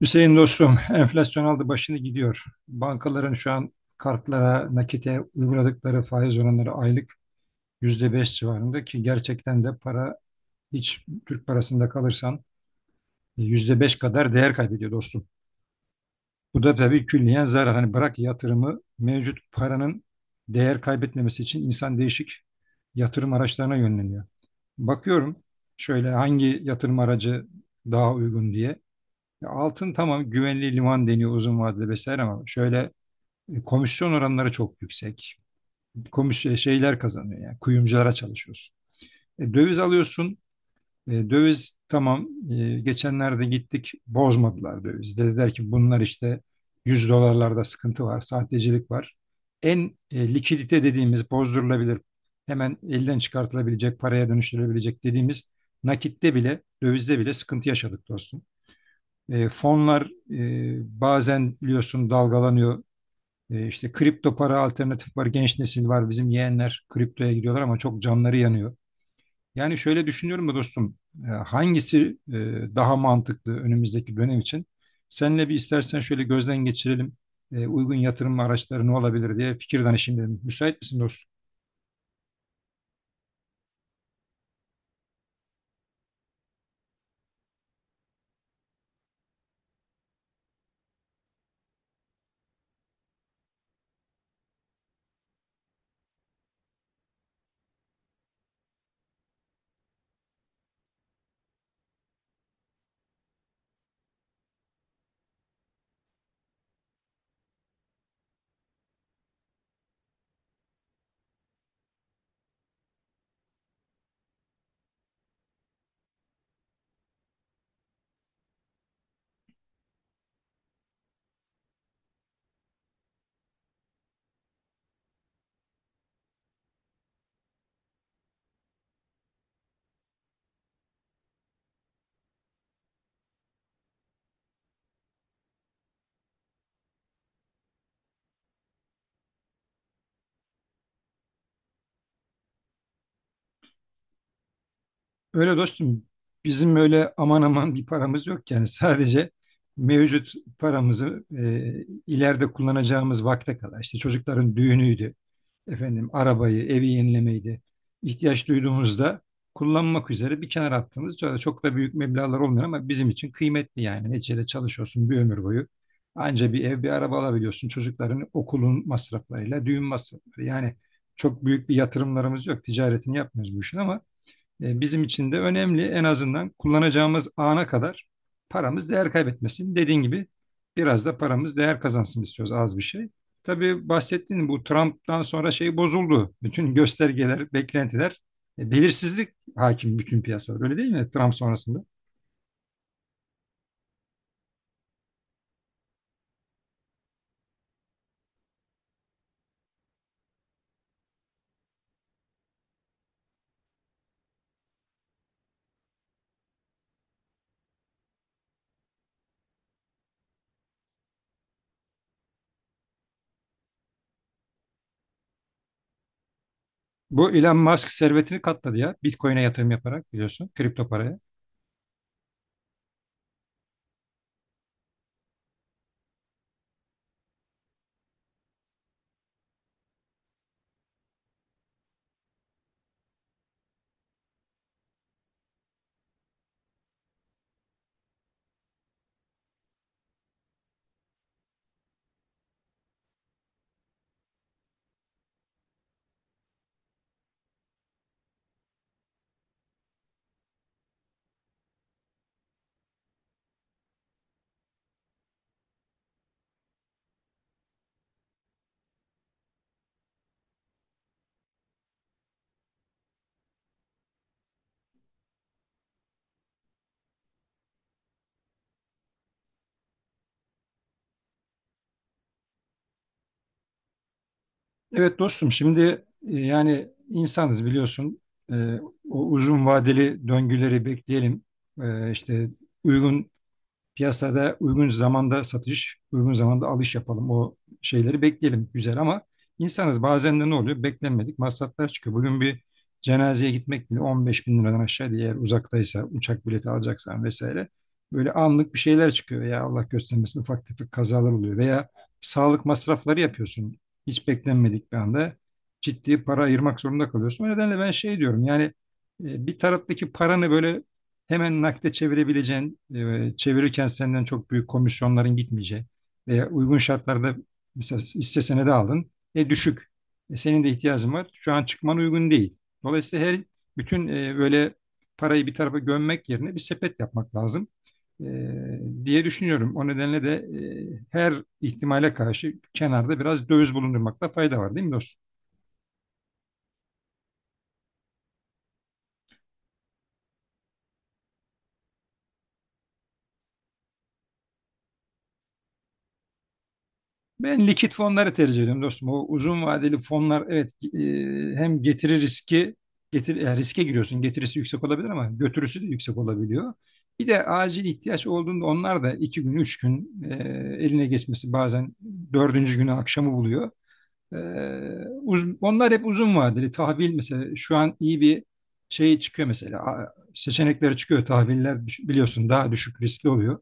Hüseyin dostum, enflasyon aldı başını gidiyor. Bankaların şu an kartlara, nakite uyguladıkları faiz oranları aylık %5 civarında ki gerçekten de para hiç Türk parasında kalırsan %5 kadar değer kaybediyor dostum. Bu da tabii külliyen zarar. Hani bırak yatırımı mevcut paranın değer kaybetmemesi için insan değişik yatırım araçlarına yönleniyor. Bakıyorum şöyle hangi yatırım aracı daha uygun diye. Ya altın tamam güvenli liman deniyor uzun vadede vesaire ama şöyle komisyon oranları çok yüksek. Şeyler kazanıyor yani kuyumculara çalışıyorsun. E, döviz alıyorsun. Döviz tamam, geçenlerde gittik bozmadılar döviz. Dediler ki bunlar işte 100 dolarlarda sıkıntı var, sahtecilik var. Likidite dediğimiz bozdurulabilir, hemen elden çıkartılabilecek, paraya dönüştürülebilecek dediğimiz nakitte bile, dövizde bile sıkıntı yaşadık dostum. Fonlar bazen biliyorsun dalgalanıyor, işte kripto para alternatif var. Genç nesil var. Bizim yeğenler kriptoya gidiyorlar ama çok canları yanıyor. Yani şöyle düşünüyorum da dostum. Hangisi e, daha mantıklı önümüzdeki dönem için? Seninle bir istersen şöyle gözden geçirelim. Uygun yatırım araçları ne olabilir diye fikir danışayım dedim. Müsait misin dostum? Öyle dostum. Bizim öyle aman aman bir paramız yok. Yani sadece mevcut paramızı ileride kullanacağımız vakte kadar. İşte çocukların düğünüydü efendim arabayı, evi yenilemeyi de ihtiyaç duyduğumuzda kullanmak üzere bir kenara attığımız şöyle çok da büyük meblağlar olmuyor ama bizim için kıymetli yani. Neticede çalışıyorsun bir ömür boyu. Anca bir ev, bir araba alabiliyorsun. Çocukların okulun masraflarıyla, düğün masrafları. Yani çok büyük bir yatırımlarımız yok. Ticaretini yapmıyoruz bu işin ama bizim için de önemli. En azından kullanacağımız ana kadar paramız değer kaybetmesin. Dediğin gibi biraz da paramız değer kazansın istiyoruz az bir şey. Tabii bahsettiğin bu Trump'tan sonra şey bozuldu. Bütün göstergeler, beklentiler, belirsizlik hakim bütün piyasalar. Öyle değil mi Trump sonrasında? Bu Elon Musk servetini katladı ya. Bitcoin'e yatırım yaparak biliyorsun kripto paraya. Evet dostum şimdi yani insanız biliyorsun. E, O uzun vadeli döngüleri bekleyelim. E, işte uygun piyasada uygun zamanda satış, uygun zamanda alış yapalım. O şeyleri bekleyelim güzel ama insanız bazen de ne oluyor? Beklenmedik masraflar çıkıyor. Bugün bir cenazeye gitmek bile 15 bin liradan aşağı değil. Eğer uzaktaysa uçak bileti alacaksan vesaire. Böyle anlık bir şeyler çıkıyor veya Allah göstermesin ufak tefek kazalar oluyor. Veya sağlık masrafları yapıyorsun. Hiç beklenmedik bir anda ciddi para ayırmak zorunda kalıyorsun. O nedenle ben şey diyorum yani bir taraftaki paranı böyle hemen nakde çevirebileceğin, çevirirken senden çok büyük komisyonların gitmeyeceği veya uygun şartlarda mesela hisse senedi aldın, e düşük. E, senin de ihtiyacın var. Şu an çıkman uygun değil. Dolayısıyla bütün böyle parayı bir tarafa gömmek yerine bir sepet yapmak lazım e, diye düşünüyorum. O nedenle de her ihtimale karşı kenarda biraz döviz bulundurmakta fayda var, değil mi dostum? Ben likit fonları tercih ediyorum dostum. O uzun vadeli fonlar evet, hem getiri riski yani riske giriyorsun. Getirisi yüksek olabilir ama götürüsü de yüksek olabiliyor. Bir de acil ihtiyaç olduğunda onlar da iki gün, üç gün, eline geçmesi bazen dördüncü günü akşamı buluyor. E, Onlar hep uzun vadeli. Tahvil mesela şu an iyi bir şey çıkıyor mesela. Seçenekleri çıkıyor. Tahviller biliyorsun daha düşük riskli oluyor.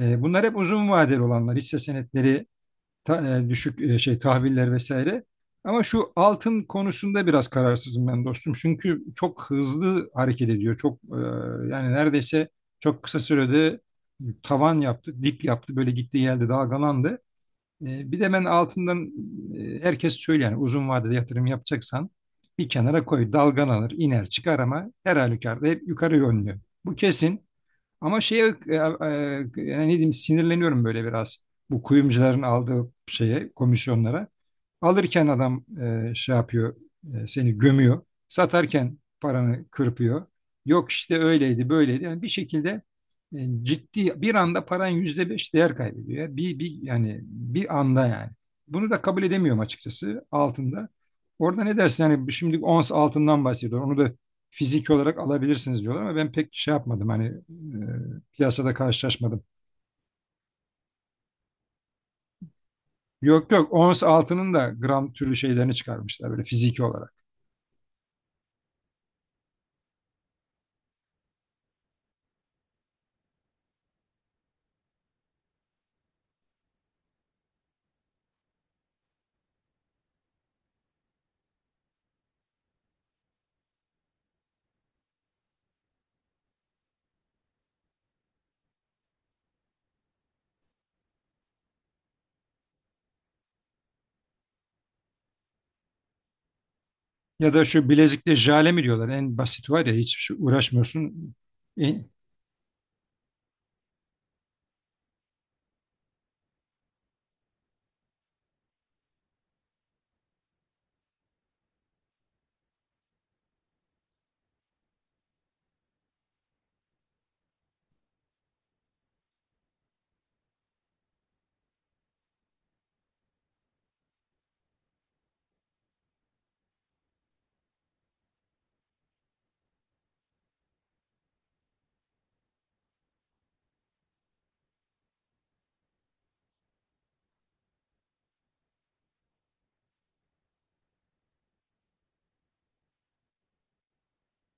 E, bunlar hep uzun vadeli olanlar. Hisse senetleri düşük şey tahviller vesaire. Ama şu altın konusunda biraz kararsızım ben dostum. Çünkü çok hızlı hareket ediyor. Çok, yani neredeyse çok kısa sürede tavan yaptı, dip yaptı. Böyle gitti geldi dalgalandı. Bir de ben altından, herkes söylüyor yani uzun vadede yatırım yapacaksan bir kenara koy dalgalanır iner çıkar ama her halükarda hep yukarı yönlü. Bu kesin. Ama yani ne diyeyim sinirleniyorum böyle biraz. Bu kuyumcuların aldığı şeye, komisyonlara. Alırken adam şey yapıyor, seni gömüyor. Satarken paranı kırpıyor. Yok işte öyleydi, böyleydi. Yani bir şekilde ciddi bir anda paran yüzde beş değer kaybediyor ya. Bir yani bir anda yani. Bunu da kabul edemiyorum açıkçası altında. Orada ne dersin? Yani şimdi ons altından bahsediyor. Onu da fizik olarak alabilirsiniz diyorlar ama ben pek şey yapmadım. Hani piyasada karşılaşmadım. Yok yok, ons altının da gram türlü şeylerini çıkarmışlar böyle fiziki olarak. Ya da şu bilezikte jale mi diyorlar en basit var ya hiç şu uğraşmıyorsun. En-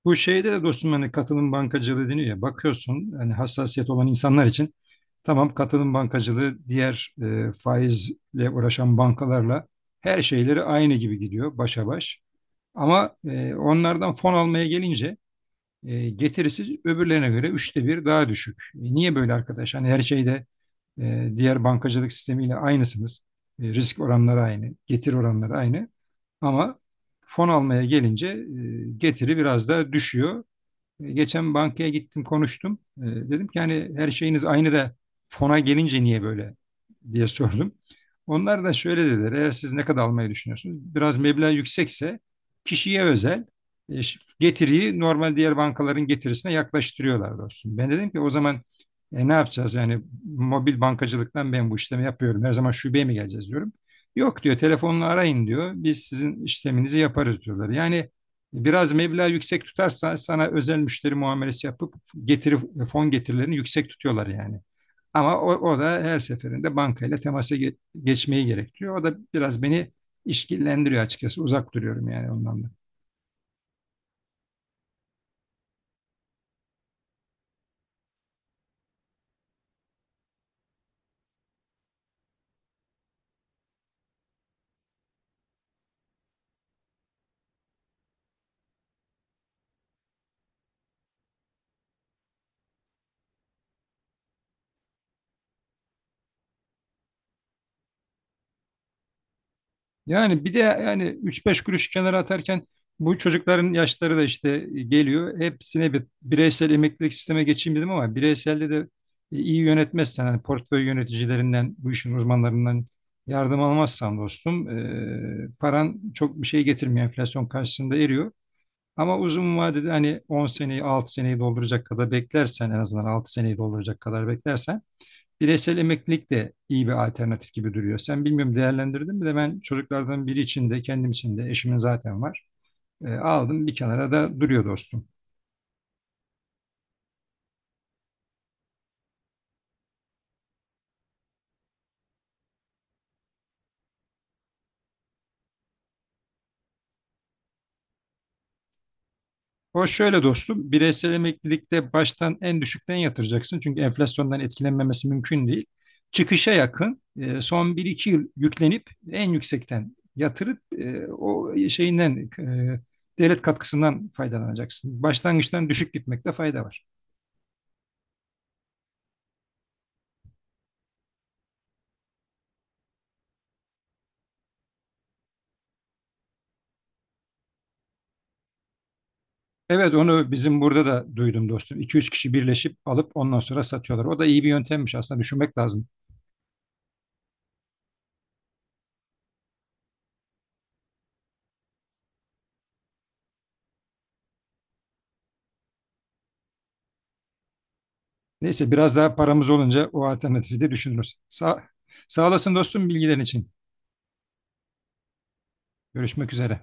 Bu şeyde de dostum hani katılım bankacılığı deniyor ya bakıyorsun hani hassasiyet olan insanlar için tamam katılım bankacılığı diğer faizle uğraşan bankalarla her şeyleri aynı gibi gidiyor başa baş. Ama onlardan fon almaya gelince getirisi öbürlerine göre üçte bir daha düşük. E, niye böyle arkadaş? Hani her şeyde diğer bankacılık sistemiyle aynısınız. E, risk oranları aynı, getir oranları aynı. Ama fon almaya gelince getiri biraz daha düşüyor. Geçen bankaya gittim konuştum. Dedim ki hani her şeyiniz aynı da fona gelince niye böyle diye sordum. Onlar da şöyle dediler. Eğer siz ne kadar almayı düşünüyorsunuz? Biraz meblağ yüksekse kişiye özel, getiriyi normal diğer bankaların getirisine yaklaştırıyorlar dostum. Ben dedim ki o zaman ne yapacağız? Yani mobil bankacılıktan ben bu işlemi yapıyorum. Her zaman şubeye mi geleceğiz diyorum. Yok diyor telefonla arayın diyor. Biz sizin işleminizi yaparız diyorlar. Yani biraz meblağ yüksek tutarsan sana özel müşteri muamelesi yapıp getiri fon getirilerini yüksek tutuyorlar yani. Ama o da her seferinde bankayla temasa geçmeyi gerektiriyor. O da biraz beni işkillendiriyor açıkçası. Uzak duruyorum yani ondan da. Yani bir de yani üç beş kuruş kenara atarken bu çocukların yaşları da işte geliyor. Hepsine bir bireysel emeklilik sisteme geçeyim dedim ama bireyselde de iyi yönetmezsen hani portföy yöneticilerinden bu işin uzmanlarından yardım almazsan dostum paran çok bir şey getirmiyor enflasyon karşısında eriyor. Ama uzun vadede hani 10 seneyi 6 seneyi dolduracak kadar beklersen en azından 6 seneyi dolduracak kadar beklersen bireysel emeklilik de iyi bir alternatif gibi duruyor. Sen bilmiyorum değerlendirdin mi de ben çocuklardan biri için de kendim için de eşimin zaten var. E, aldım bir kenara da duruyor dostum. O şöyle dostum, bireysel emeklilikte baştan en düşükten yatıracaksın. Çünkü enflasyondan etkilenmemesi mümkün değil. Çıkışa yakın son bir iki yıl yüklenip en yüksekten yatırıp, o şeyinden, devlet katkısından faydalanacaksın. Başlangıçtan düşük gitmekte fayda var. Evet onu bizim burada da duydum dostum. 2 üç kişi birleşip alıp ondan sonra satıyorlar. O da iyi bir yöntemmiş aslında düşünmek lazım. Neyse biraz daha paramız olunca o alternatifi de düşünürüz. Sağ olasın dostum bilgilerin için. Görüşmek üzere.